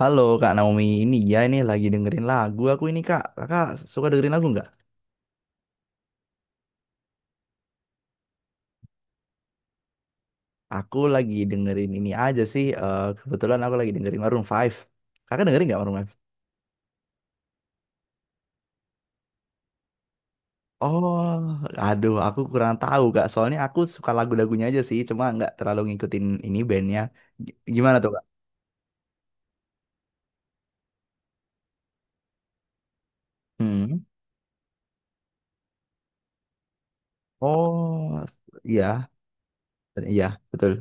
Halo Kak Naomi, ini ya ini lagi dengerin lagu aku ini Kak. Kakak suka dengerin lagu nggak? Aku lagi dengerin ini aja sih. Kebetulan aku lagi dengerin Maroon Five. Kakak dengerin nggak Maroon Five? Oh, aduh, aku kurang tahu Kak. Soalnya aku suka lagu-lagunya aja sih, cuma nggak terlalu ngikutin ini bandnya. Gimana tuh Kak? Hmm. Oh, iya, iya, betul.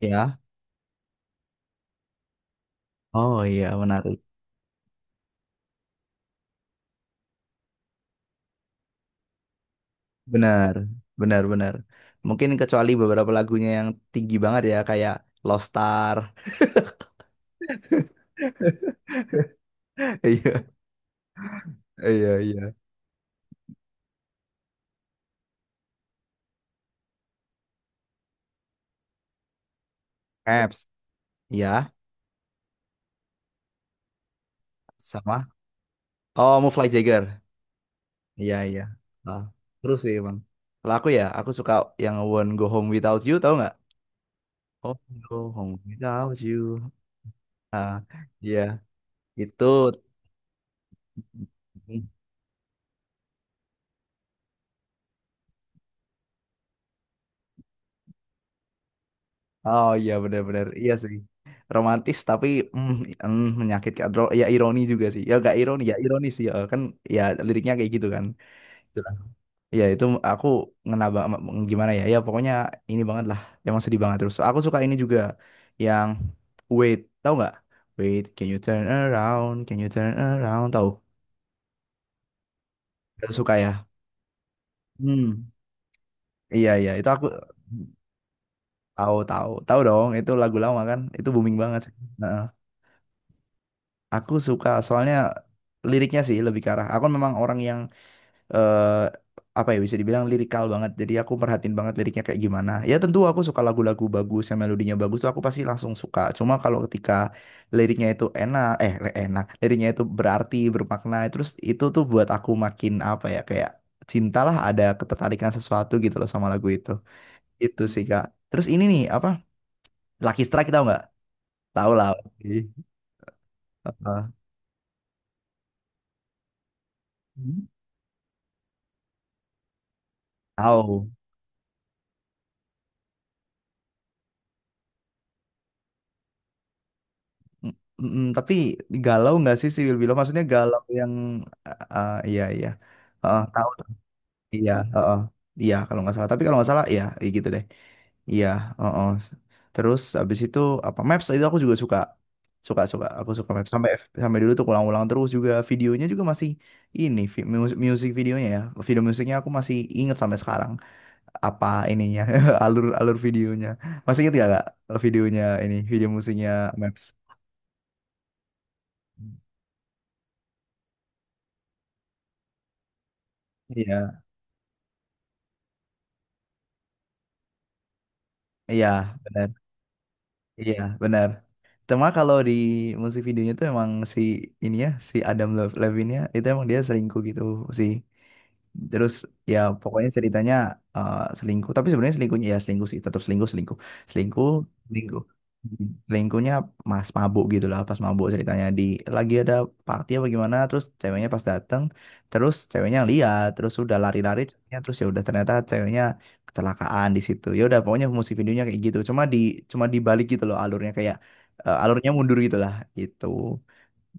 Ya. Oh, iya, menarik. Benar, benar, benar. Mungkin kecuali beberapa lagunya yang tinggi banget ya, kayak Lost Star. Iya, iya, iya. Caps. Iya, sama. Oh, Fly Jagger. Iya, iya. Ah, seru sih emang. Kalau aku ya, aku suka yang Won't Go Home Without You, tau nggak? Oh, Go Home Without You. Ah, iya. Itu. Mm. Oh, iya, benar-benar. Iya sih. Romantis tapi mm, menyakitkan. Ya, ironi juga sih. Ya gak ironi, ya ironi sih. Ya, kan ya liriknya kayak gitu kan. Iya, itu aku ngena gimana ya? Ya pokoknya ini banget lah. Emang sedih banget terus. Aku suka ini juga yang wait, tahu nggak? Wait, can you turn around? Can you turn around? Tahu? Aku suka ya. Hmm. Iya, iya itu aku tahu, tahu, tahu dong. Itu lagu lama kan? Itu booming banget. Nah, aku suka soalnya liriknya sih lebih ke arah. Aku kan memang orang yang eh apa ya, bisa dibilang lirikal banget. Jadi aku perhatiin banget liriknya kayak gimana. Ya tentu aku suka lagu-lagu bagus yang melodinya bagus tuh aku pasti langsung suka. Cuma kalau ketika liriknya itu enak, enak, liriknya itu berarti, bermakna, terus itu tuh buat aku makin apa ya kayak cintalah, ada ketertarikan sesuatu gitu loh sama lagu itu. Itu sih Kak. Terus ini nih apa? Lucky Strike tau nggak? Tahu lah, pasti. Heeh. Tahu. Tapi galau nggak sih si Will Below? Maksudnya galau yang ah iya, iya. Heeh, tahu tuh. Iya, heeh. Iya kalau nggak salah. Tapi kalau nggak salah iya, iya gitu deh. Iya, heeh. Terus habis itu apa Maps itu aku juga suka. Suka, suka, aku suka Maps sampai sampai dulu tuh ulang-ulang terus, juga videonya juga masih ini music videonya ya. Video musiknya aku masih inget sampai sekarang, apa ininya, alur alur videonya. Masih inget gak, Kak, ini video musiknya Maps? Iya. Iya, benar. Iya, benar. Cuma kalau di musik videonya tuh emang si ini ya, si Adam Levine-nya itu emang dia selingkuh gitu sih. Terus ya pokoknya ceritanya selingkuh, tapi sebenarnya selingkuhnya ya selingkuh sih, tetap selingkuh, selingkuh. Selingkuh, selingkuh. Hmm. Selingkuhnya mas mabuk gitu lah, pas mabuk ceritanya di lagi ada party apa gimana, terus ceweknya pas dateng, terus ceweknya lihat, terus udah lari-lari ceweknya, terus ya udah ternyata ceweknya kecelakaan di situ. Ya udah pokoknya musik videonya kayak gitu, cuma di cuma dibalik gitu loh alurnya, kayak alurnya mundur gitu lah gitu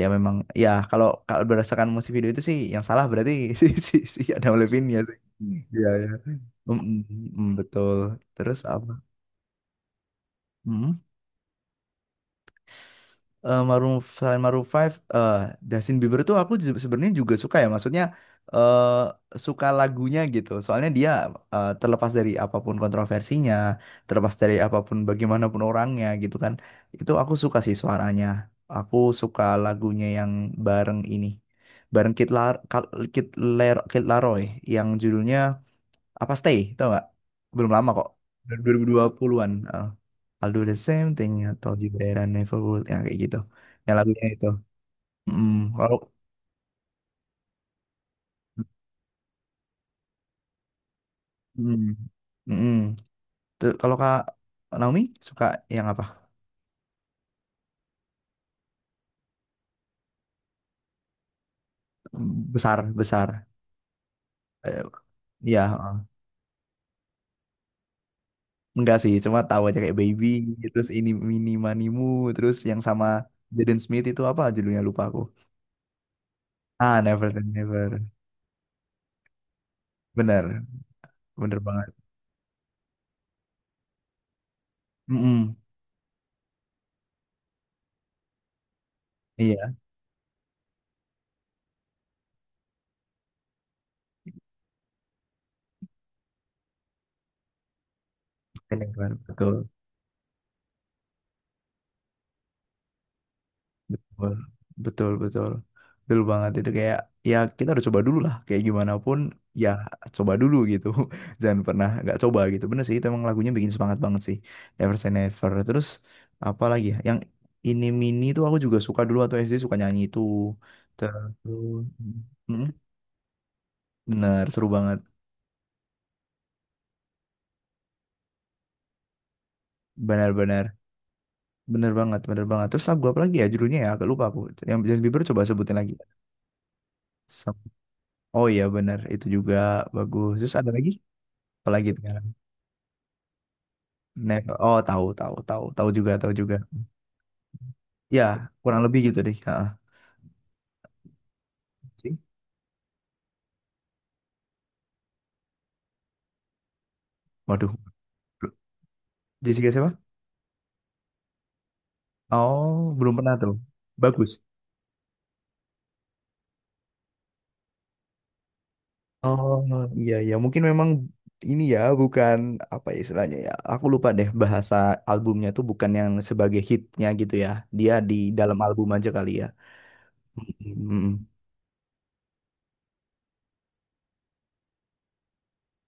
ya memang ya kalau kalau berdasarkan musik video itu sih yang salah berarti si si si Adam Levine ya sih iya ya. Mm, mm, mm, betul. Terus apa selain Maroon Five, Justin Bieber tuh aku sebenarnya juga suka ya. Maksudnya eh suka lagunya gitu. Soalnya dia terlepas dari apapun kontroversinya, terlepas dari apapun bagaimanapun orangnya gitu kan. Itu aku suka sih suaranya. Aku suka lagunya yang bareng ini. Bareng Kid Lar Kal- Kid Ler- Kid Laroi yang judulnya apa stay tau nggak, belum lama kok, 2020-an . I'll do the same thing atau told you that never would yang kayak gitu, yang lagunya itu. Mm, kalau mm, mm. Tuh, kalau kak Naomi suka yang apa, besar besar. Eh, Ya enggak sih, cuma tahu aja kayak baby, terus ini mini manimu, terus yang sama Jaden Smith itu apa judulnya, lupa aku. Ah, never say never. Bener, bener banget. Mm-mm. Iya. Bener, bener, betul. Wah, betul, betul. Betul banget itu kayak ya kita harus coba dulu lah kayak gimana pun ya coba dulu gitu. Jangan pernah nggak coba gitu. Bener sih itu emang lagunya bikin semangat banget sih. Never Say Never. Terus apa lagi ya? Yang ini mini itu aku juga suka dulu atau SD suka nyanyi itu. Terus Mm, bener seru banget. Benar-benar. Bener banget, bener banget. Terus lagu apa lagi ya judulnya ya? Agak lupa aku. Yang Justin Bieber coba sebutin lagi. Some- Oh, iya bener, itu juga bagus. Terus ada lagi? Apa lagi? Never. Oh, tahu, tahu, tahu, tahu juga, tahu juga. Ya kurang lebih gitu deh. Ha, waduh, bel- Jessica siapa? Oh, belum pernah tuh. Bagus. Oh, iya iya, mungkin memang ini ya, bukan apa ya, istilahnya ya. Aku lupa deh bahasa albumnya tuh bukan yang sebagai hitnya gitu ya. Dia di dalam album aja kali ya. Mm-mm.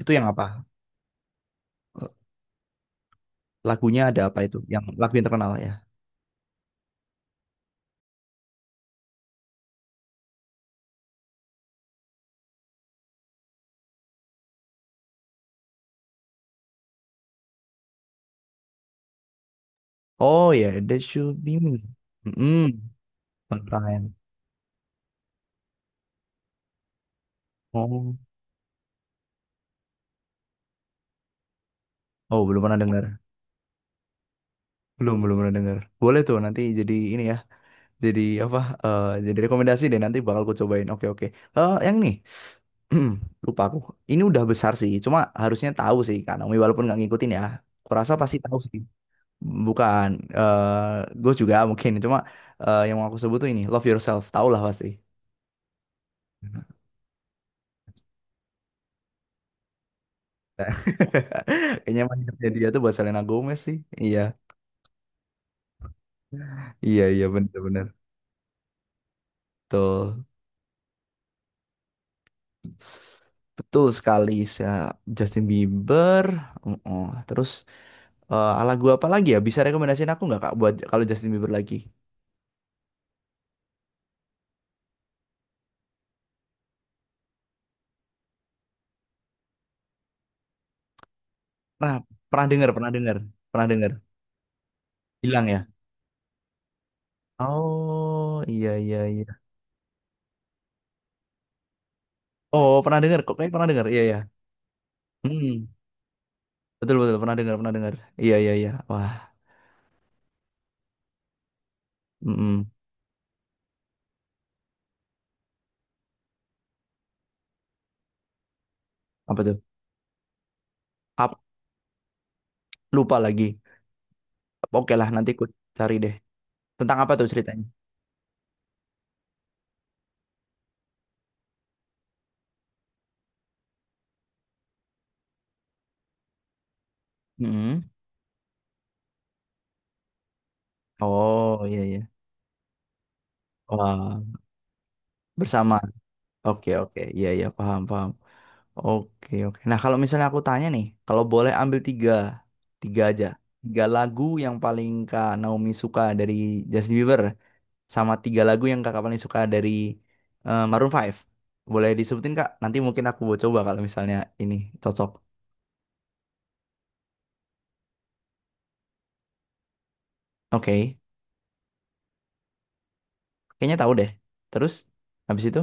Itu yang apa? Lagunya ada apa itu? Yang lagu yang terkenal ya. Oh ya, That Should Be Me. Mm-mm. Tentang- Oh, oh belum pernah dengar. Belum, belum pernah dengar. Boleh tuh nanti jadi ini ya. Jadi apa? Jadi rekomendasi deh nanti bakal ku cobain. Oke, oke. Eh, yang ini. Lupa aku. Ini udah besar sih. Cuma harusnya tahu sih Kak Naomi walaupun nggak ngikutin ya. Kurasa pasti tahu sih. Bukan. eh gue juga mungkin. Cuma yang mau aku sebut tuh ini. Love Yourself. Tahu lah pasti. Kayaknya emang hidupnya dia tuh buat Selena Gomez sih. Iya. Iya, iya, bener-bener. Betul. Betul sekali, saya Justin Bieber. Oh. Terus ala gua apa lagi ya? Bisa rekomendasiin aku nggak Kak buat kalau Justin Bieber lagi? Pernah, pernah dengar, pernah dengar, pernah dengar. Hilang ya? Oh, iya, iya, iya. Oh, pernah dengar kok, kayak pernah dengar. Iya, iya. Hmm. Betul, betul pernah dengar, pernah dengar. Iya, iya, iya. Wah, mm apa tuh? Ap- Lupa lagi. Oke lah, nanti aku cari deh. Tentang apa tuh ceritanya? Mm-mm. Oh, iya, iya. Wah, bersama. Oke, oke. Iya, iya, paham, paham. Oke, oke. Nah, kalau misalnya aku tanya nih, kalau boleh ambil tiga, tiga aja. Tiga lagu yang paling Kak Naomi suka dari Justin Bieber, sama tiga lagu yang Kakak paling suka dari Maroon Five. Boleh disebutin, Kak? Nanti mungkin aku mau coba kalau misalnya ini cocok. Oke. Kayaknya tahu deh. Terus, habis itu?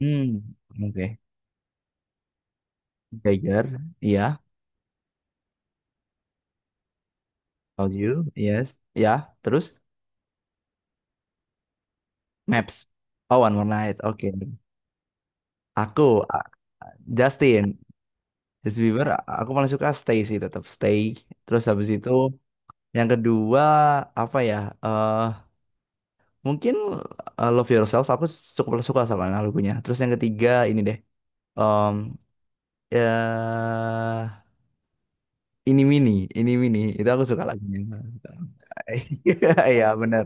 Hmm, oke. Tiger, iya. Told you, yes. Ya, terus? Maps. Oh, One More Night, oke. Aku a- Justin, Justin Bieber, aku paling suka Stay sih, tetap Stay. Terus habis itu yang kedua apa ya? eh Mungkin Love Yourself aku cukup suka sama lagunya. Terus yang ketiga ini deh. em eh ini mini, ini mini. Itu aku suka lagunya. Iya, bener.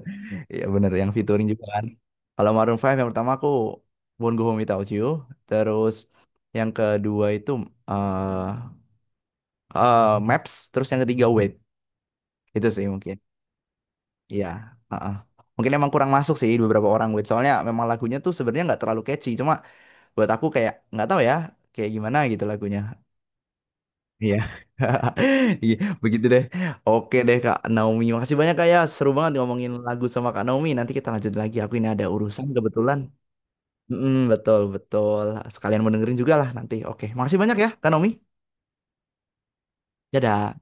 Iya, bener yang featuring juga kan. Kalau Maroon Five yang pertama aku Won't Go Home Without You, terus yang kedua itu eh, Maps, terus yang ketiga Wait. Itu sih mungkin. Iya. Heeh. Mungkin emang kurang masuk sih di beberapa orang Wait. Soalnya memang lagunya tuh sebenarnya nggak terlalu catchy. Cuma buat aku kayak nggak tahu ya, kayak gimana gitu lagunya. Iya. Iya, begitu deh. Oke deh Kak Naomi. Makasih banyak Kak ya. Seru banget ngomongin lagu sama Kak Naomi. Nanti kita lanjut lagi. Aku ini ada urusan kebetulan. Mm, betul, betul. Sekalian mau dengerin juga lah nanti. Oke, makasih banyak ya Kak Naomi. Dadah.